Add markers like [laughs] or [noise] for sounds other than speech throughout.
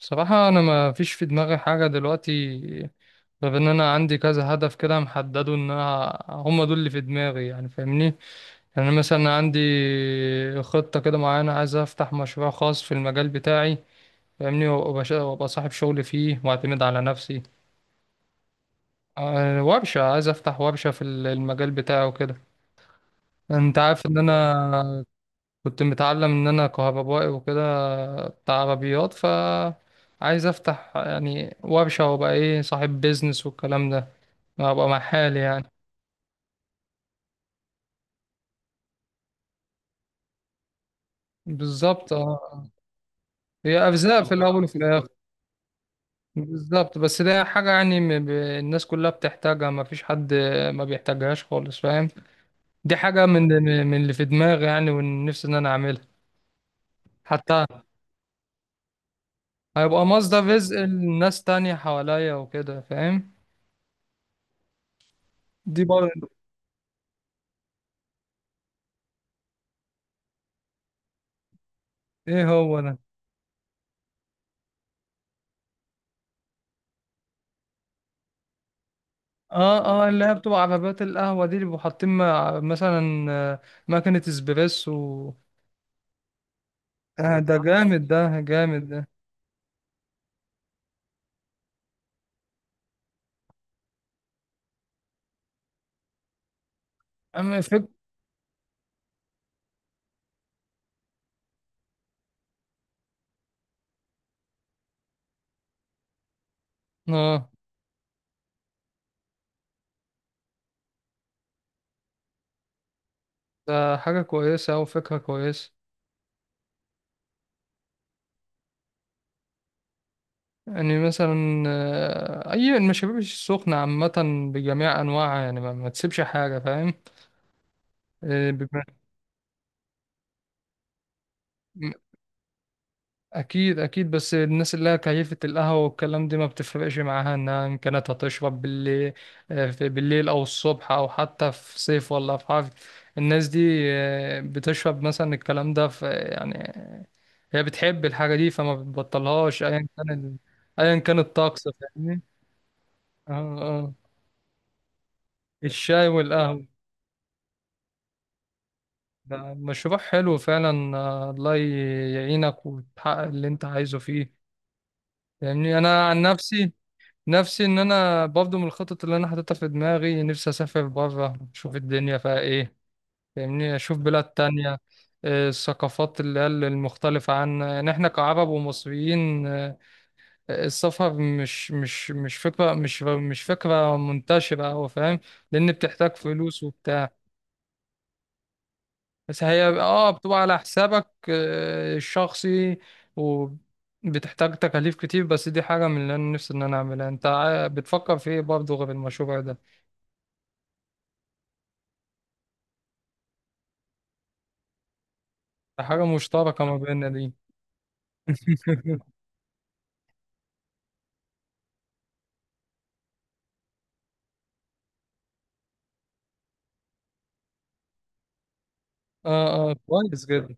بصراحة أنا ما فيش في دماغي حاجة دلوقتي، غير إن أنا عندي كذا هدف كده محدده، إن أنا هما دول اللي في دماغي يعني، فاهمني. يعني مثلا عندي خطة كده معينة، عايز أفتح مشروع خاص في المجال بتاعي. فاهمني. وأبقى صاحب شغل فيه وأعتمد على نفسي. ورشة، عايز أفتح ورشة في المجال بتاعي وكده. أنت عارف إن أنا كنت متعلم ان انا كهربائي وكده، بتاع عربيات، ف عايز افتح يعني وابشه وابقى ايه صاحب بيزنس والكلام ده، ابقى مع حالي يعني. بالظبط اه. هي ارزاق في الاول وفي الاخر. بالظبط، بس ده حاجه يعني الناس كلها بتحتاجها، ما فيش حد ما بيحتاجهاش خالص، فاهم؟ دي حاجه من اللي في دماغي يعني، ونفسي ان انا اعملها. حتى هيبقى مصدر رزق لناس تانية حواليا وكده، فاهم؟ دي برضه. ايه هو ده؟ اه اه، اللي هي بتبقى عربيات القهوة دي، اللي بيبقوا حاطين مثلا ماكينة اسبريسو. آه ده جامد، ده جامد ده. اما فك. اه ده حاجة كويسة أو فكرة كويسة. يعني مثلا أي المشاريب السخنة عامة بجميع أنواعها يعني، ما تسيبش حاجة، فاهم؟ بيبقى اكيد اكيد. بس الناس اللي هي كيفة القهوة والكلام دي ما بتفرقش معاها انها ان كانت هتشرب بالليل، في بالليل او الصبح او حتى في صيف ولا في حر. الناس دي بتشرب مثلا الكلام ده في يعني، هي بتحب الحاجة دي فما بتبطلهاش ايا كان ايا كان الطقس، فاهمني؟ اه اه، الشاي والقهوة. ده مشروع حلو فعلا. الله يعينك وتحقق اللي انت عايزه فيه. يعني انا عن نفسي، نفسي ان انا برضه من الخطط اللي انا حاططها في دماغي، نفسي اسافر بره، اشوف الدنيا فيها ايه. فاهمني؟ اشوف بلاد تانية، الثقافات اللي هي المختلفة عنا، يعني احنا كعرب ومصريين. السفر مش فكرة منتشرة أوي، فاهم؟ لأن بتحتاج فلوس وبتاع، بس هي بتبقى على حسابك الشخصي. وبتحتاج تكاليف كتير. بس دي حاجة من اللي أنا نفسي إن أنا أعملها. أنت بتفكر في إيه برضه غير المشروع ده؟ حاجة مشتركة ما بيننا دي. [laughs] اه اه، كويس جدا.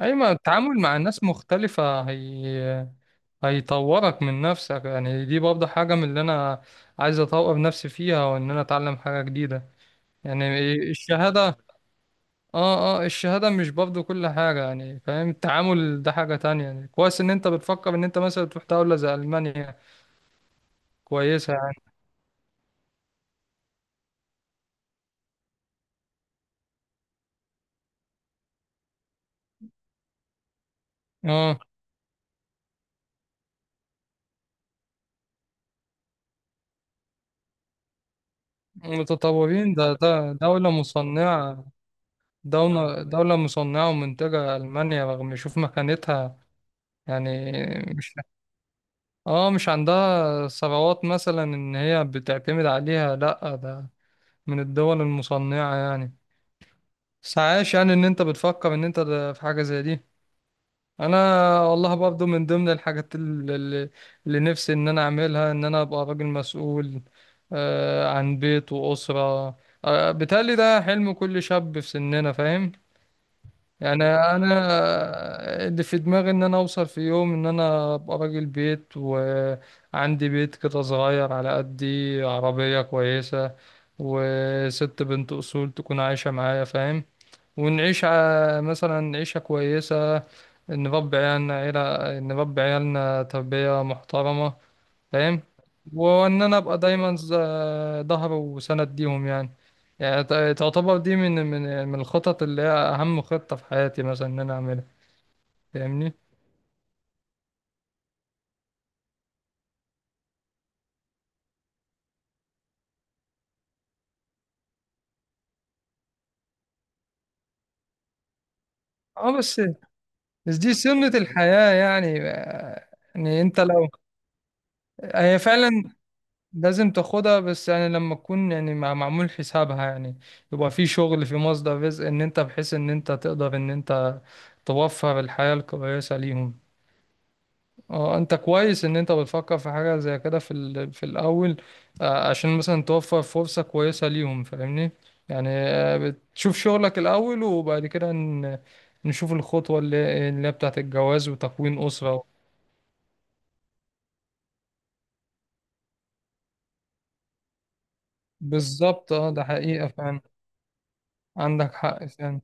اي ما التعامل مع الناس مختلفة، هي هيطورك من نفسك يعني. دي برضه حاجة من اللي انا عايز اطور نفسي فيها، وان انا اتعلم حاجة جديدة. يعني الشهادة. اه اه، الشهادة مش برضه كل حاجة يعني، فاهم؟ التعامل ده حاجة تانية. يعني كويس ان انت بتفكر ان انت مثلا تروح دولة زي ألمانيا، كويسة يعني. اه متطورين. ده دولة مصنعة. دولة مصنعة ومنتجة ألمانيا، رغم شوف مكانتها يعني. مش اه مش عندها ثروات مثلا إن هي بتعتمد عليها، لأ ده من الدول المصنعة يعني. بس عايش يعني إن أنت بتفكر إن أنت ده في حاجة زي دي. أنا والله برضو من ضمن الحاجات اللي نفسي إن أنا أعملها، إن أنا أبقى راجل مسؤول عن بيت وأسرة. بيتهيألي ده حلم كل شاب في سننا، فاهم؟ يعني انا اللي في دماغي ان انا اوصل في يوم، ان انا ابقى راجل بيت وعندي بيت كده صغير على قدي، عربية كويسة، وست بنت اصول تكون عايشة معايا، فاهم؟ ونعيش مثلا عيشة كويسة، نربي عيالنا، عيلة نربي عيالنا تربية محترمة، فاهم؟ وان انا ابقى دايما ظهر وسند ليهم يعني. يعني تعتبر دي من الخطط اللي هي اهم خطة في حياتي، مثلا ان انا اعملها. فاهمني؟ اه بس دي سنة الحياة يعني. يعني انت لو، هي فعلا لازم تاخدها، بس يعني لما تكون يعني معمول حسابها يعني، يبقى في شغل، في مصدر رزق، ان انت بحيث ان انت تقدر ان انت توفر الحياة الكويسة ليهم. اه انت كويس ان انت بتفكر في حاجة زي كده في في الاول. عشان مثلا توفر فرصة كويسة ليهم، فاهمني؟ يعني بتشوف شغلك الاول وبعد كده نشوف الخطوة اللي هي بتاعت الجواز وتكوين أسرة. بالظبط اه، ده حقيقة فعلا. عندك حق فعلا.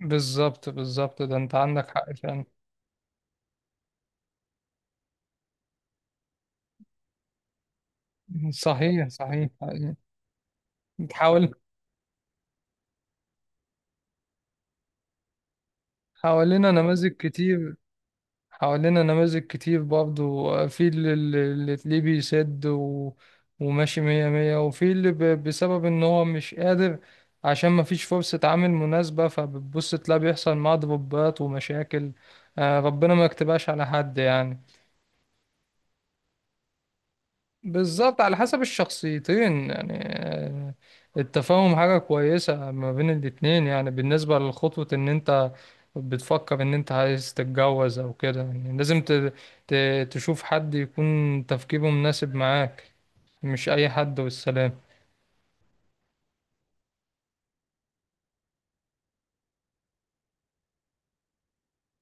بالظبط بالظبط، ده انت عندك حق فعلا. صحيح صحيح حقيقي. حاول. حوالينا نماذج كتير. حوالينا نماذج كتير برضو، في اللي تلاقيه بيسد وماشي مية مية، وفي اللي بسبب ان هو مش قادر، عشان مفيش فرصة عمل مناسبة، فبتبص تلاقي بيحصل معاه ضربات ومشاكل. ربنا ما يكتبهاش على حد يعني. بالظبط، على حسب الشخصيتين يعني. التفاهم حاجة كويسة ما بين الاتنين يعني. بالنسبة لخطوة ان انت بتفكر ان انت عايز تتجوز او كده، يعني لازم تشوف حد يكون تفكيره مناسب معاك، مش اي حد والسلام.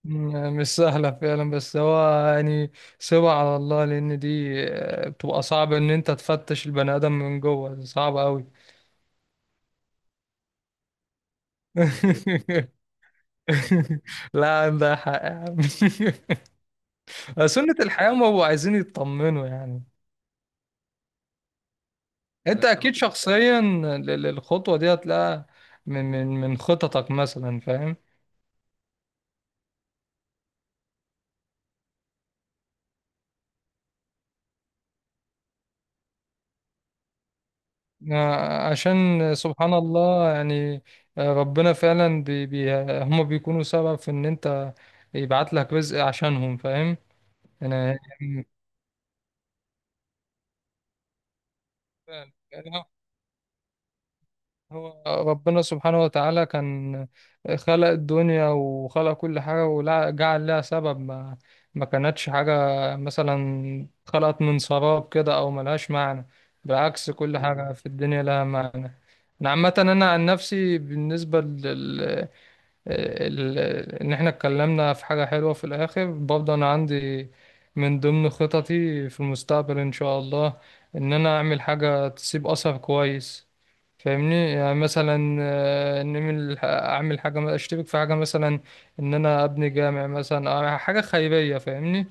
مش سهلة فعلا، بس هو يعني سيبها على الله، لان دي بتبقى صعب ان انت تفتش البني ادم من جوه، صعب قوي. [laughs] لا، عندها حق يا عم. [laughs] سنة الحياة، ما هو عايزين يطمنوا يعني. انت اكيد شخصيا الخطوة دي هتلاقيها من خططك مثلا، فاهم؟ عشان سبحان الله يعني. ربنا فعلا بي بي هم بيكونوا سبب في ان انت يبعت لك رزق عشانهم، فاهم؟ انا يعني هو ربنا سبحانه وتعالى كان خلق الدنيا وخلق كل حاجة، وجعل لها سبب. ما كانتش حاجة مثلا خلقت من سراب كده أو ملهاش معنى، بالعكس كل حاجة في الدنيا لها معنى. أنا عامة أنا عن نفسي، بالنسبة ال- ان احنا اتكلمنا في حاجة حلوة في الاخر، برضه انا عندي من ضمن خططي في المستقبل ان شاء الله، ان انا اعمل حاجة تسيب اثر كويس، فاهمني؟ يعني مثلا ان اعمل حاجة، اشترك في حاجة مثلا، ان انا ابني جامع مثلا أو حاجة خيرية، فاهمني؟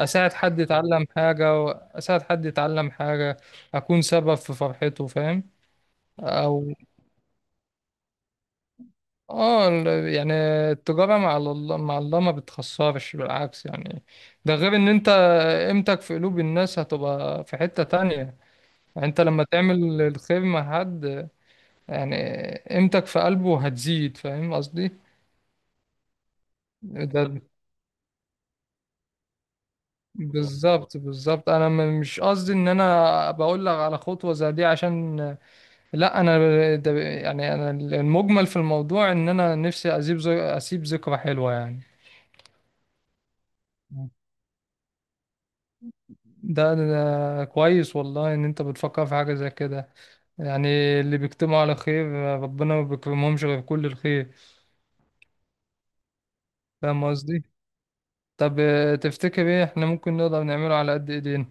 اساعد حد يتعلم حاجة. اساعد حد يتعلم حاجة، اكون سبب في فرحته، فاهم؟ او اه يعني التجارة مع الله، مع الله ما بتخسرش بالعكس يعني. ده غير ان انت قيمتك في قلوب الناس هتبقى في حتة تانية يعني. انت لما تعمل الخير مع حد، يعني قيمتك في قلبه هتزيد، فاهم قصدي؟ بالظبط ده. بالظبط بالظبط. انا مش قصدي ان انا بقول لك على خطوة زي دي عشان، لا انا، ده يعني انا المجمل في الموضوع ان انا نفسي اسيب اسيب ذكرى حلوة يعني. ده, ده, ده كويس والله ان انت بتفكر في حاجة زي كده. يعني اللي بيجتمعوا على خير ربنا ما بيكرمهمش غير كل الخير. فاهم قصدي؟ طب تفتكر ايه احنا ممكن نقدر نعمله على قد ايدينا؟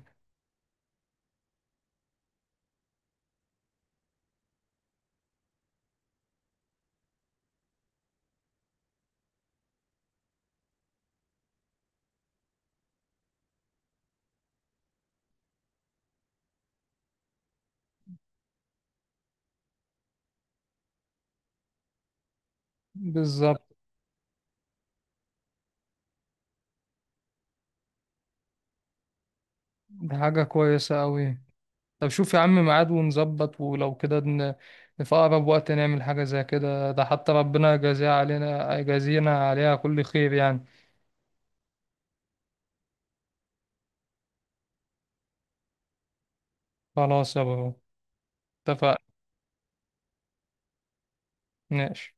بالظبط، دي حاجة كويسة قوي. طب شوف يا عم ميعاد ونظبط ولو كده في اقرب وقت نعمل حاجة زي كده، ده حتى ربنا يجازيها علينا، يجازينا عليها كل خير يعني. خلاص يا برو، اتفقنا. ماشي.